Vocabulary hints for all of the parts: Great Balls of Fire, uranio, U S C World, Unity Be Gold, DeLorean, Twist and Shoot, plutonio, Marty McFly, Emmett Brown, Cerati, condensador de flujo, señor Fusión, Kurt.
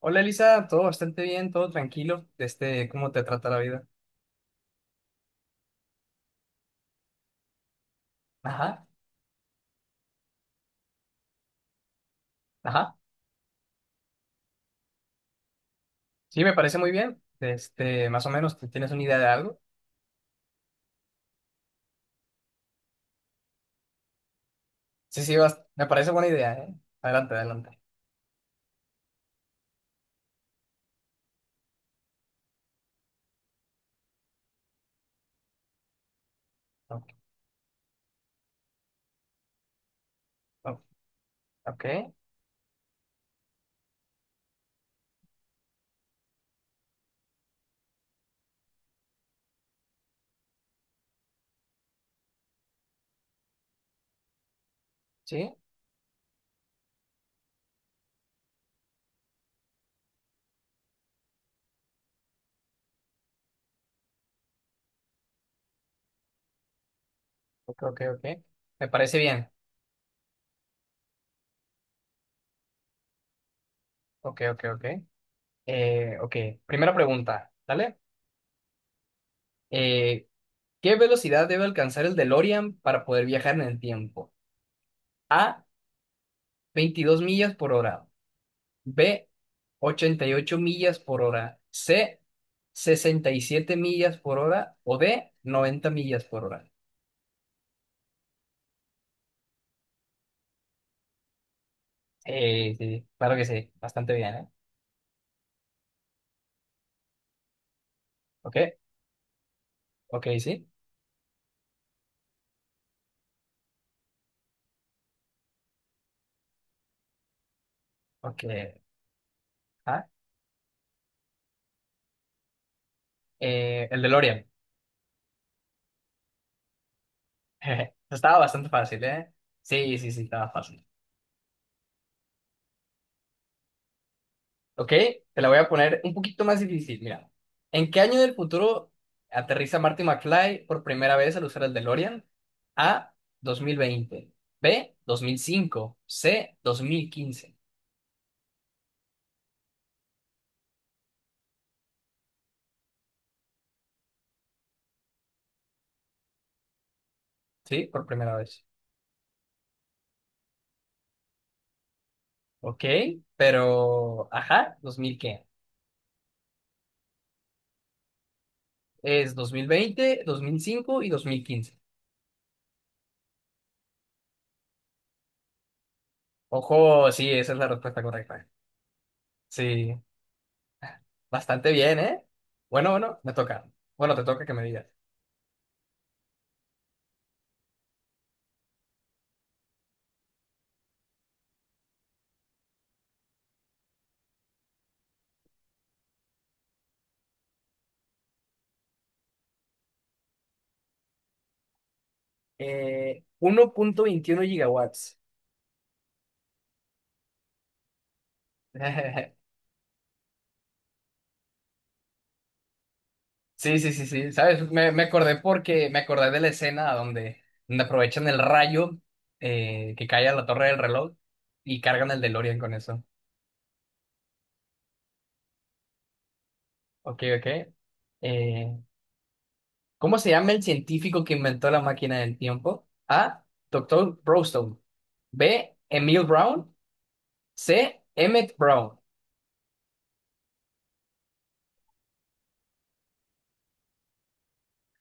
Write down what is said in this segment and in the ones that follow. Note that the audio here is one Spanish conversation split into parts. Hola Elisa, todo bastante bien, todo tranquilo. ¿Cómo te trata la vida? Ajá, ajá. Sí, me parece muy bien. Más o menos, ¿tú ¿tienes una idea de algo? Sí, sí, me parece buena idea, ¿eh? Adelante, adelante. Ok, ok, ok, sí, ok, ok, ok. Me parece bien. Ok, ok, ok. Ok, primera pregunta, ¿vale? Eh, ¿Qué velocidad debe alcanzar el DeLorean para poder viajar en el tiempo? A, 22 millas por hora. B, 88 millas por hora. C, 67 millas por hora. O D, 90 millas por hora. Sí, claro que sí, bastante bien, ¿eh? Ok, ok, sí. Ok, ah, el DeLorean. Estaba bastante fácil, ¿eh? Sí, sí, sí, estaba fácil. Ok, te la voy a poner un poquito más difícil. Mira, ¿en qué año del futuro aterriza Marty McFly por primera vez al usar el DeLorean? A, 2020. B, 2005. C, 2015. Sí, por primera vez. Ok, pero, ajá, ¿2000 qué? Es 2020, 2005 y 2015. Ojo, sí, esa es la respuesta correcta. Sí, bastante bien, ¿eh? Bueno, bueno, me toca. Bueno, te toca que me digas. 1.21 gigawatts. Sí, sí, sí, sí, ¿sabes? Me acordé porque me acordé de la escena donde, aprovechan el rayo que cae a la torre del reloj y cargan el DeLorean con eso. Ok, ok. Eh, ¿Cómo se llama el científico que inventó la máquina del tiempo? A. Doctor Brownstone. B. Emil Brown. C. Emmett Brown.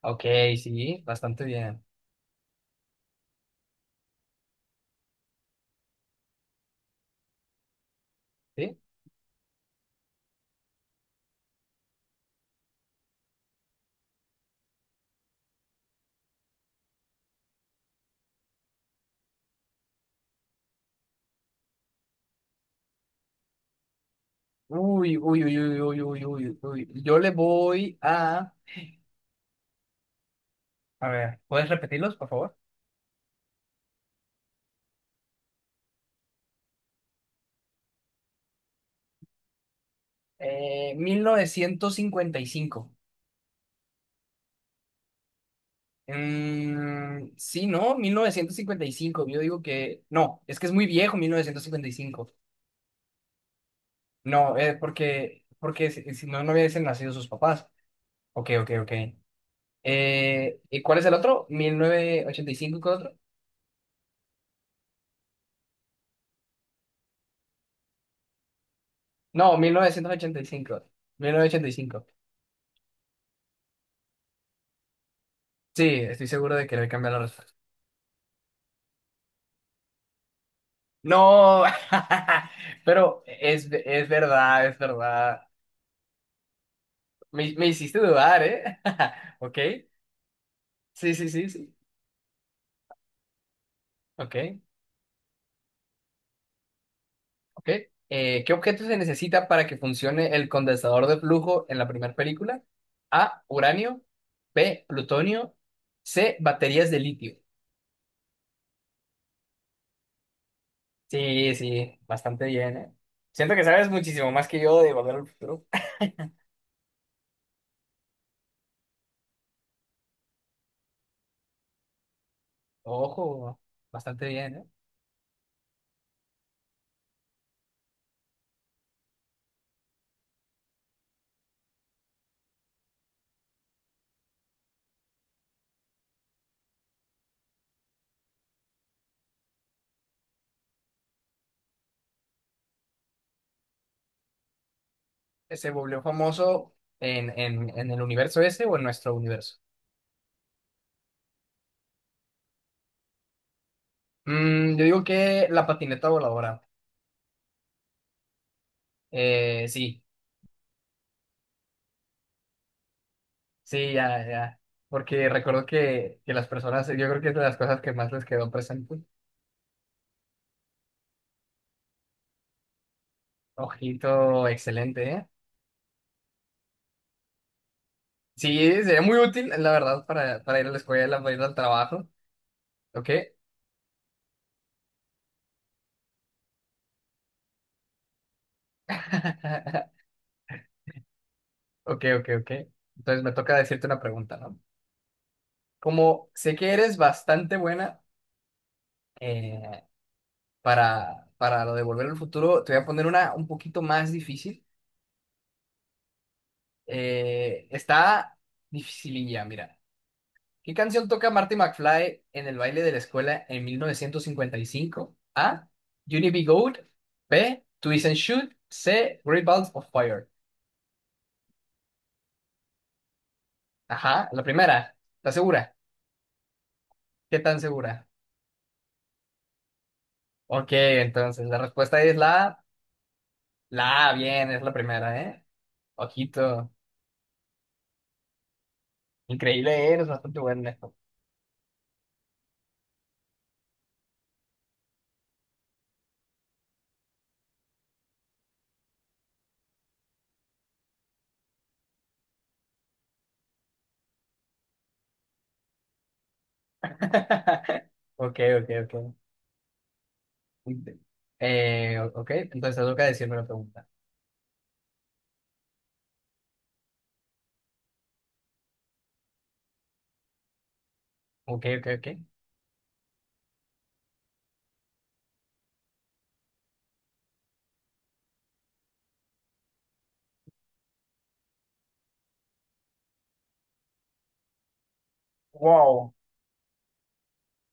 Ok, sí, bastante bien. ¿Sí? Uy, uy, uy, uy, uy, uy, uy, uy. Yo le voy a... A ver, ¿puedes repetirlos, por favor? Eh, 1955. Mm, sí, ¿no? 1955, yo digo que... No, es que es muy viejo 1955. No, porque, si no, hubiesen nacido sus papás. Ok, ok, ok. ¿Y cuál es el otro? 1985. ¿Cuál otro? No, mil novecientos ochenta y cinco, 1985. Sí, estoy seguro de que le voy a la respuesta. No, pero es verdad, es verdad. Me hiciste dudar, ¿eh? Ok. Sí, sí, sí, sí. Ok, ok. ¿Qué objeto se necesita para que funcione el condensador de flujo en la primera película? A, uranio. B, plutonio. C, baterías de litio. Sí, sí, bastante bien, ¿eh? Siento que sabes muchísimo más que yo de Volver al Futuro. Ojo, bastante bien, ¿eh? ¿Que se volvió famoso en, el universo ese o en nuestro universo? Yo digo que la patineta voladora. Sí. Sí, ya, ya. Porque recuerdo que, las personas, yo creo que es de las cosas que más les quedó presente. Ojito, excelente, ¿eh? Sí, sería muy útil, la verdad, para, ir a la escuela, para ir al trabajo. ¿Ok? Ok, ok, ok. Entonces me toca decirte una pregunta, ¿no? Como sé que eres bastante buena eh, para, lo de volver al futuro, te voy a poner una un poquito más difícil. Está dificililla, mira. ¿Qué canción toca Marty McFly en el baile de la escuela en 1955? A. Unity Be Gold. B. Twist and Shoot. C. Great Balls of Fire. Ajá, la primera. ¿Estás segura? ¿Qué tan segura? Ok, entonces la respuesta es la A. La A, bien, es la primera, ¿eh? Ojito. Increíble, ¿eh? Eres bastante bueno en esto. Ok, ok, ok. Ok, entonces te toca decirme la pregunta. Ok, ok, ok. Wow.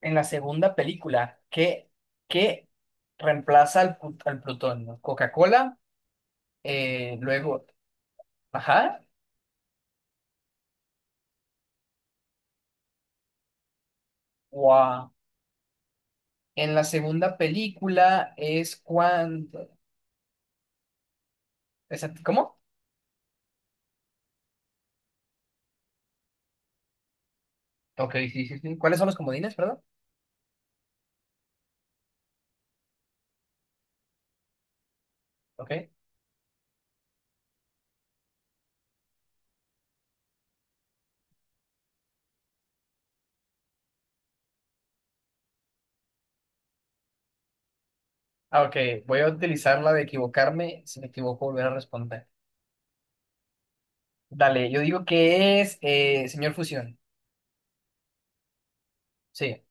En la segunda película, que reemplaza al, al plutonio? ¿Coca-Cola? Luego, ajá, wow. En la segunda película es cuando... ¿Cómo? Ok, sí, sí, sí. ¿Cuáles son los comodines, perdón? Ok. Ah, ok, voy a utilizar la de equivocarme. Si me equivoco, volver a responder. Dale, yo digo que es señor Fusión. Sí.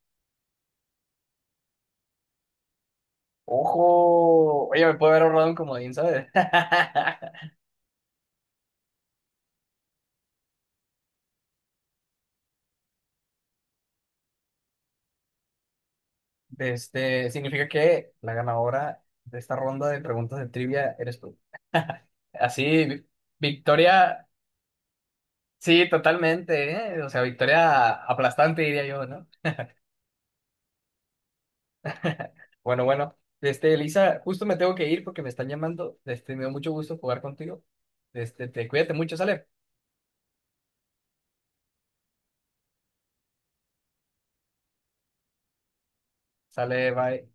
Ojo, oye, me puedo haber ahorrado un comodín, ¿sabes? Significa que la ganadora de esta ronda de preguntas de trivia eres tú. Así, victoria, sí, totalmente, ¿eh? O sea, victoria aplastante, diría yo, ¿no? Bueno, bueno, Elisa, justo me tengo que ir porque me están llamando. Me dio mucho gusto jugar contigo. Te cuídate mucho, sale. Sale, bye.